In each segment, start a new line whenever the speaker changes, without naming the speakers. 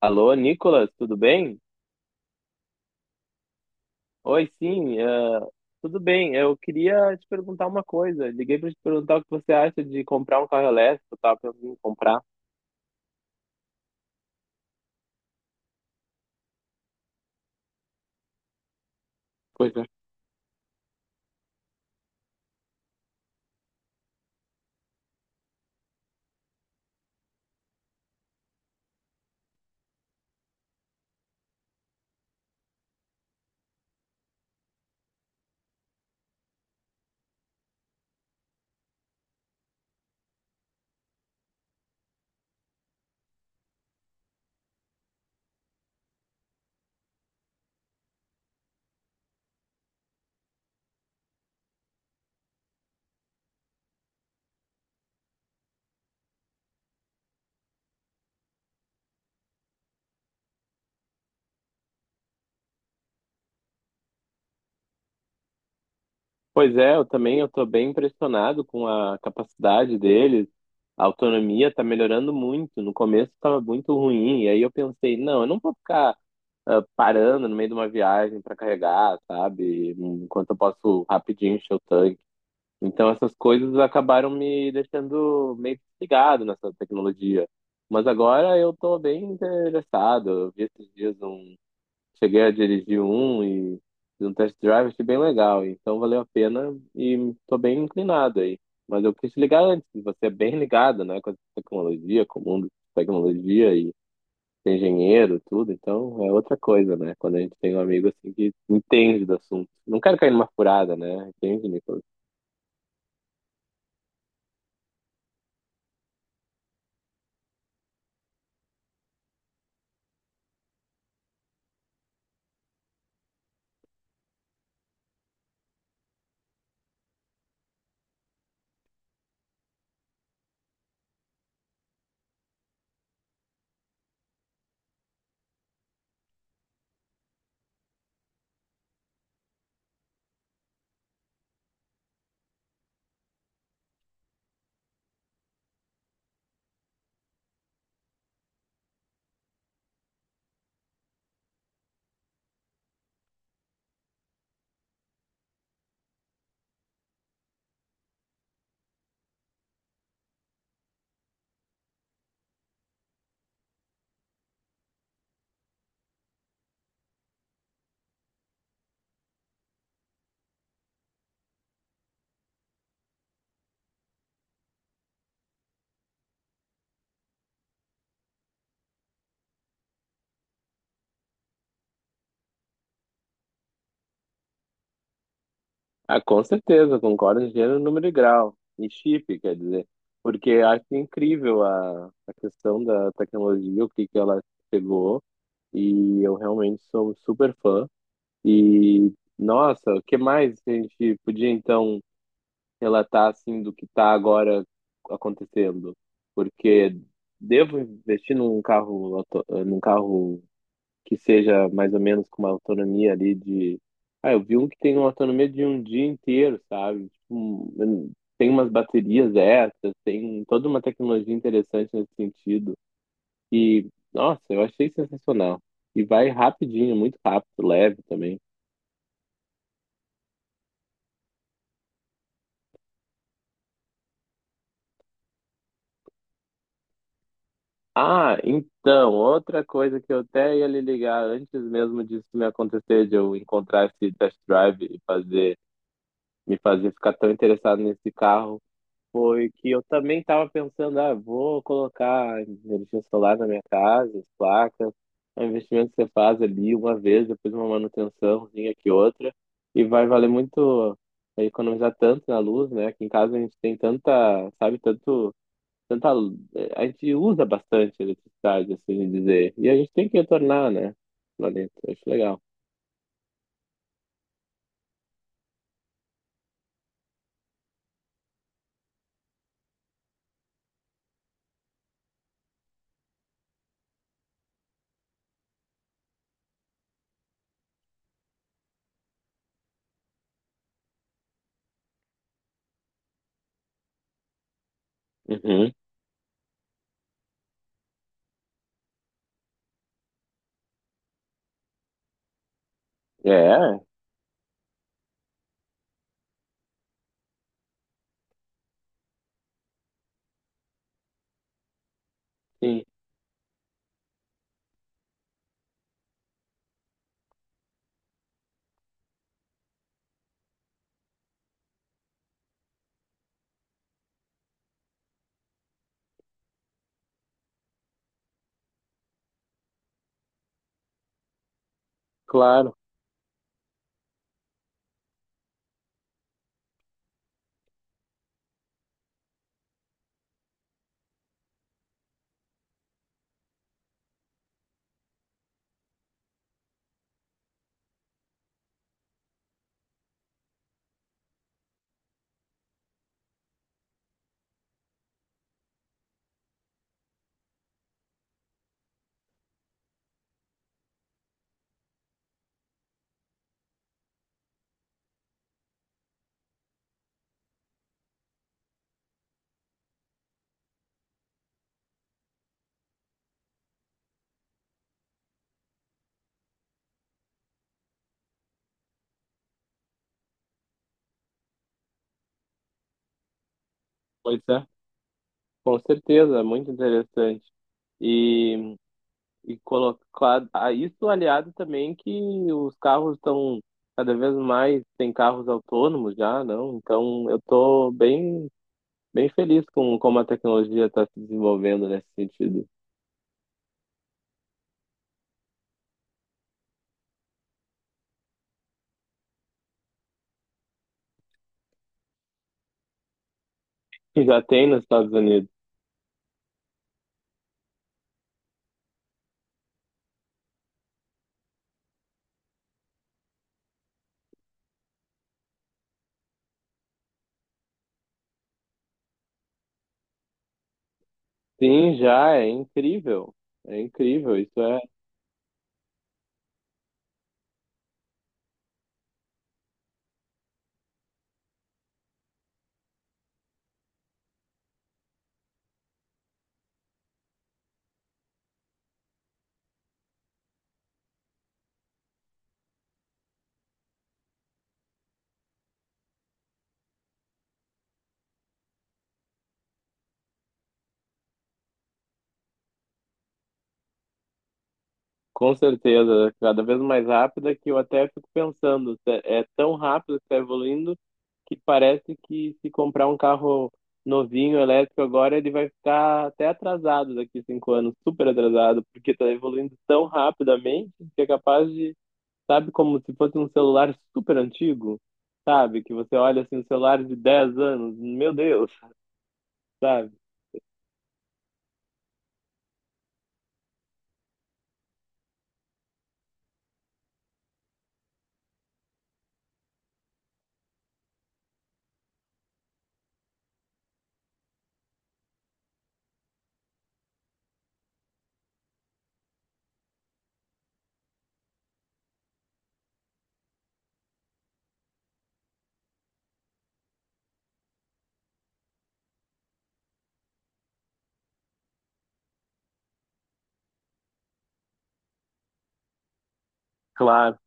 Alô, Nicolas, tudo bem? Oi, sim, tudo bem. Eu queria te perguntar uma coisa. Liguei para te perguntar o que você acha de comprar um carro elétrico. Eu tava pensando em comprar. Pois é. Pois é, eu também eu tô bem impressionado com a capacidade deles. A autonomia tá melhorando muito. No começo estava muito ruim, e aí eu pensei, não, eu não vou ficar parando no meio de uma viagem para carregar, sabe? Enquanto eu posso rapidinho encher o tanque. Então essas coisas acabaram me deixando meio desligado nessa tecnologia. Mas agora eu tô bem interessado. Eu vi esses dias um, cheguei a dirigir um e fiz um test drive, achei bem legal. Então valeu a pena e tô bem inclinado aí. Mas eu quis te ligar antes, que você é bem ligado, né, com a tecnologia, com o mundo de tecnologia e ser engenheiro, tudo. Então é outra coisa, né? Quando a gente tem um amigo assim que entende do assunto. Não quero cair numa furada, né? Entende, Nicolas? Ah, com certeza, concordo em gênero, número e grau. E chip, quer dizer. Porque acho incrível a questão da tecnologia, o que ela pegou. E eu realmente sou super fã. E nossa, o que mais que a gente podia, então, relatar, assim, do que está agora acontecendo? Porque devo investir num carro, num carro que seja mais ou menos com uma autonomia ali de. Ah, eu vi um que tem uma autonomia de um dia inteiro, sabe? Tipo, tem umas baterias extras, tem toda uma tecnologia interessante nesse sentido. E nossa, eu achei sensacional. E vai rapidinho, muito rápido, leve também. Ah, então, outra coisa que eu até ia lhe ligar antes mesmo disso me acontecer, de eu encontrar esse test drive e me fazer ficar tão interessado nesse carro, foi que eu também estava pensando, ah, vou colocar energia solar na minha casa, as placas, é um investimento que você faz ali uma vez, depois uma manutençãozinha que outra, e vai valer muito, é, economizar tanto na luz, né? Aqui em casa a gente tem tanta, sabe, tanto, tanta, a gente usa bastante eletricidade, assim dizer, e a gente tem que retornar, né? Planeta, eu acho legal. Uhum. É, sim, claro, pois é, com certeza, muito interessante. E colocar a isso aliado também que os carros estão cada vez mais tem carros autônomos já, não? Então eu tô bem feliz com como a tecnologia está se desenvolvendo nesse sentido. E já tem nos Estados Unidos. Sim, já é incrível. É incrível, isso é. Com certeza, cada vez mais rápida que eu até fico pensando, é tão rápido que está evoluindo que parece que se comprar um carro novinho, elétrico agora, ele vai ficar até atrasado daqui 5 anos, super atrasado, porque está evoluindo tão rapidamente que é capaz de, sabe, como se fosse um celular super antigo, sabe? Que você olha assim, um celular de 10 anos, meu Deus, sabe? Claro.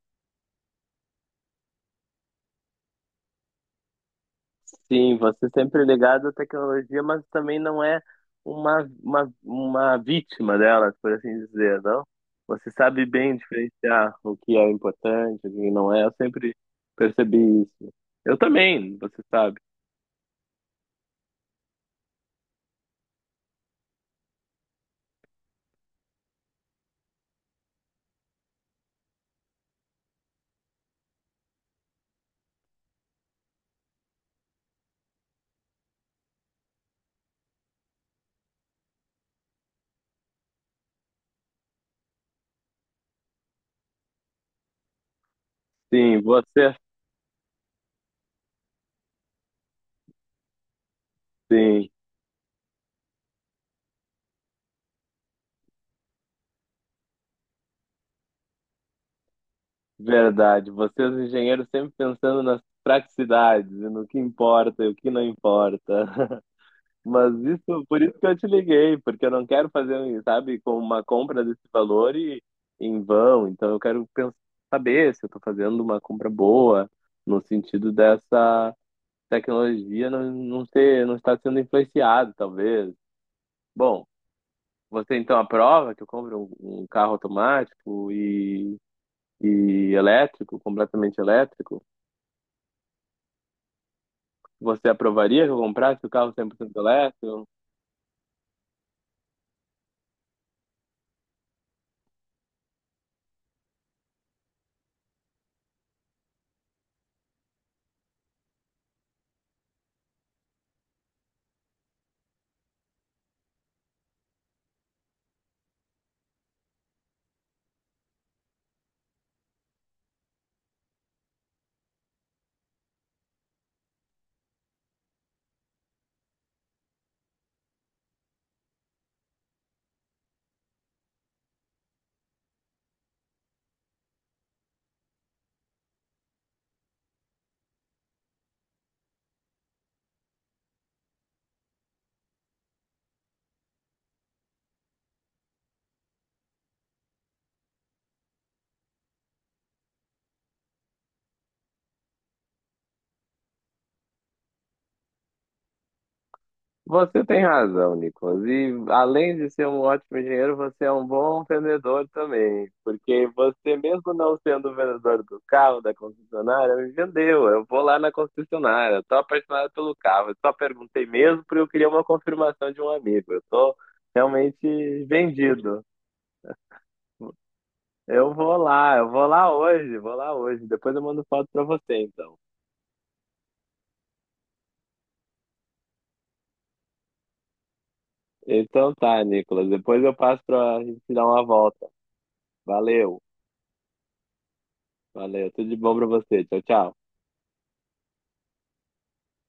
Sim, você sempre ligado à tecnologia, mas também não é uma vítima delas, por assim dizer, não? Você sabe bem diferenciar o que é importante, o que não é. Eu sempre percebi isso. Eu também, você sabe. Sim, você é, sim. Verdade. Vocês, engenheiros, sempre pensando nas praticidades, e no que importa e o que não importa. Mas isso, por isso que eu te liguei, porque eu não quero fazer, sabe, com uma compra desse valor e em vão. Então eu quero saber se eu estou fazendo uma compra boa, no sentido dessa tecnologia não ser, não estar sendo influenciado, talvez. Bom, você então aprova que eu compre um carro automático e elétrico, completamente elétrico? Você aprovaria que eu comprasse o carro 100% elétrico? Você tem razão, Nicolas. E além de ser um ótimo engenheiro, você é um bom vendedor também. Porque você, mesmo não sendo o vendedor do carro, da concessionária, me vendeu. Eu vou lá na concessionária, estou apaixonado pelo carro. Eu só perguntei mesmo porque eu queria uma confirmação de um amigo. Eu estou realmente vendido. Eu vou lá, vou lá hoje. Depois eu mando foto para você, então. Então tá, Nicolas. Depois eu passo para a gente dar uma volta. Valeu. Valeu, tudo de bom pra você. Tchau, tchau.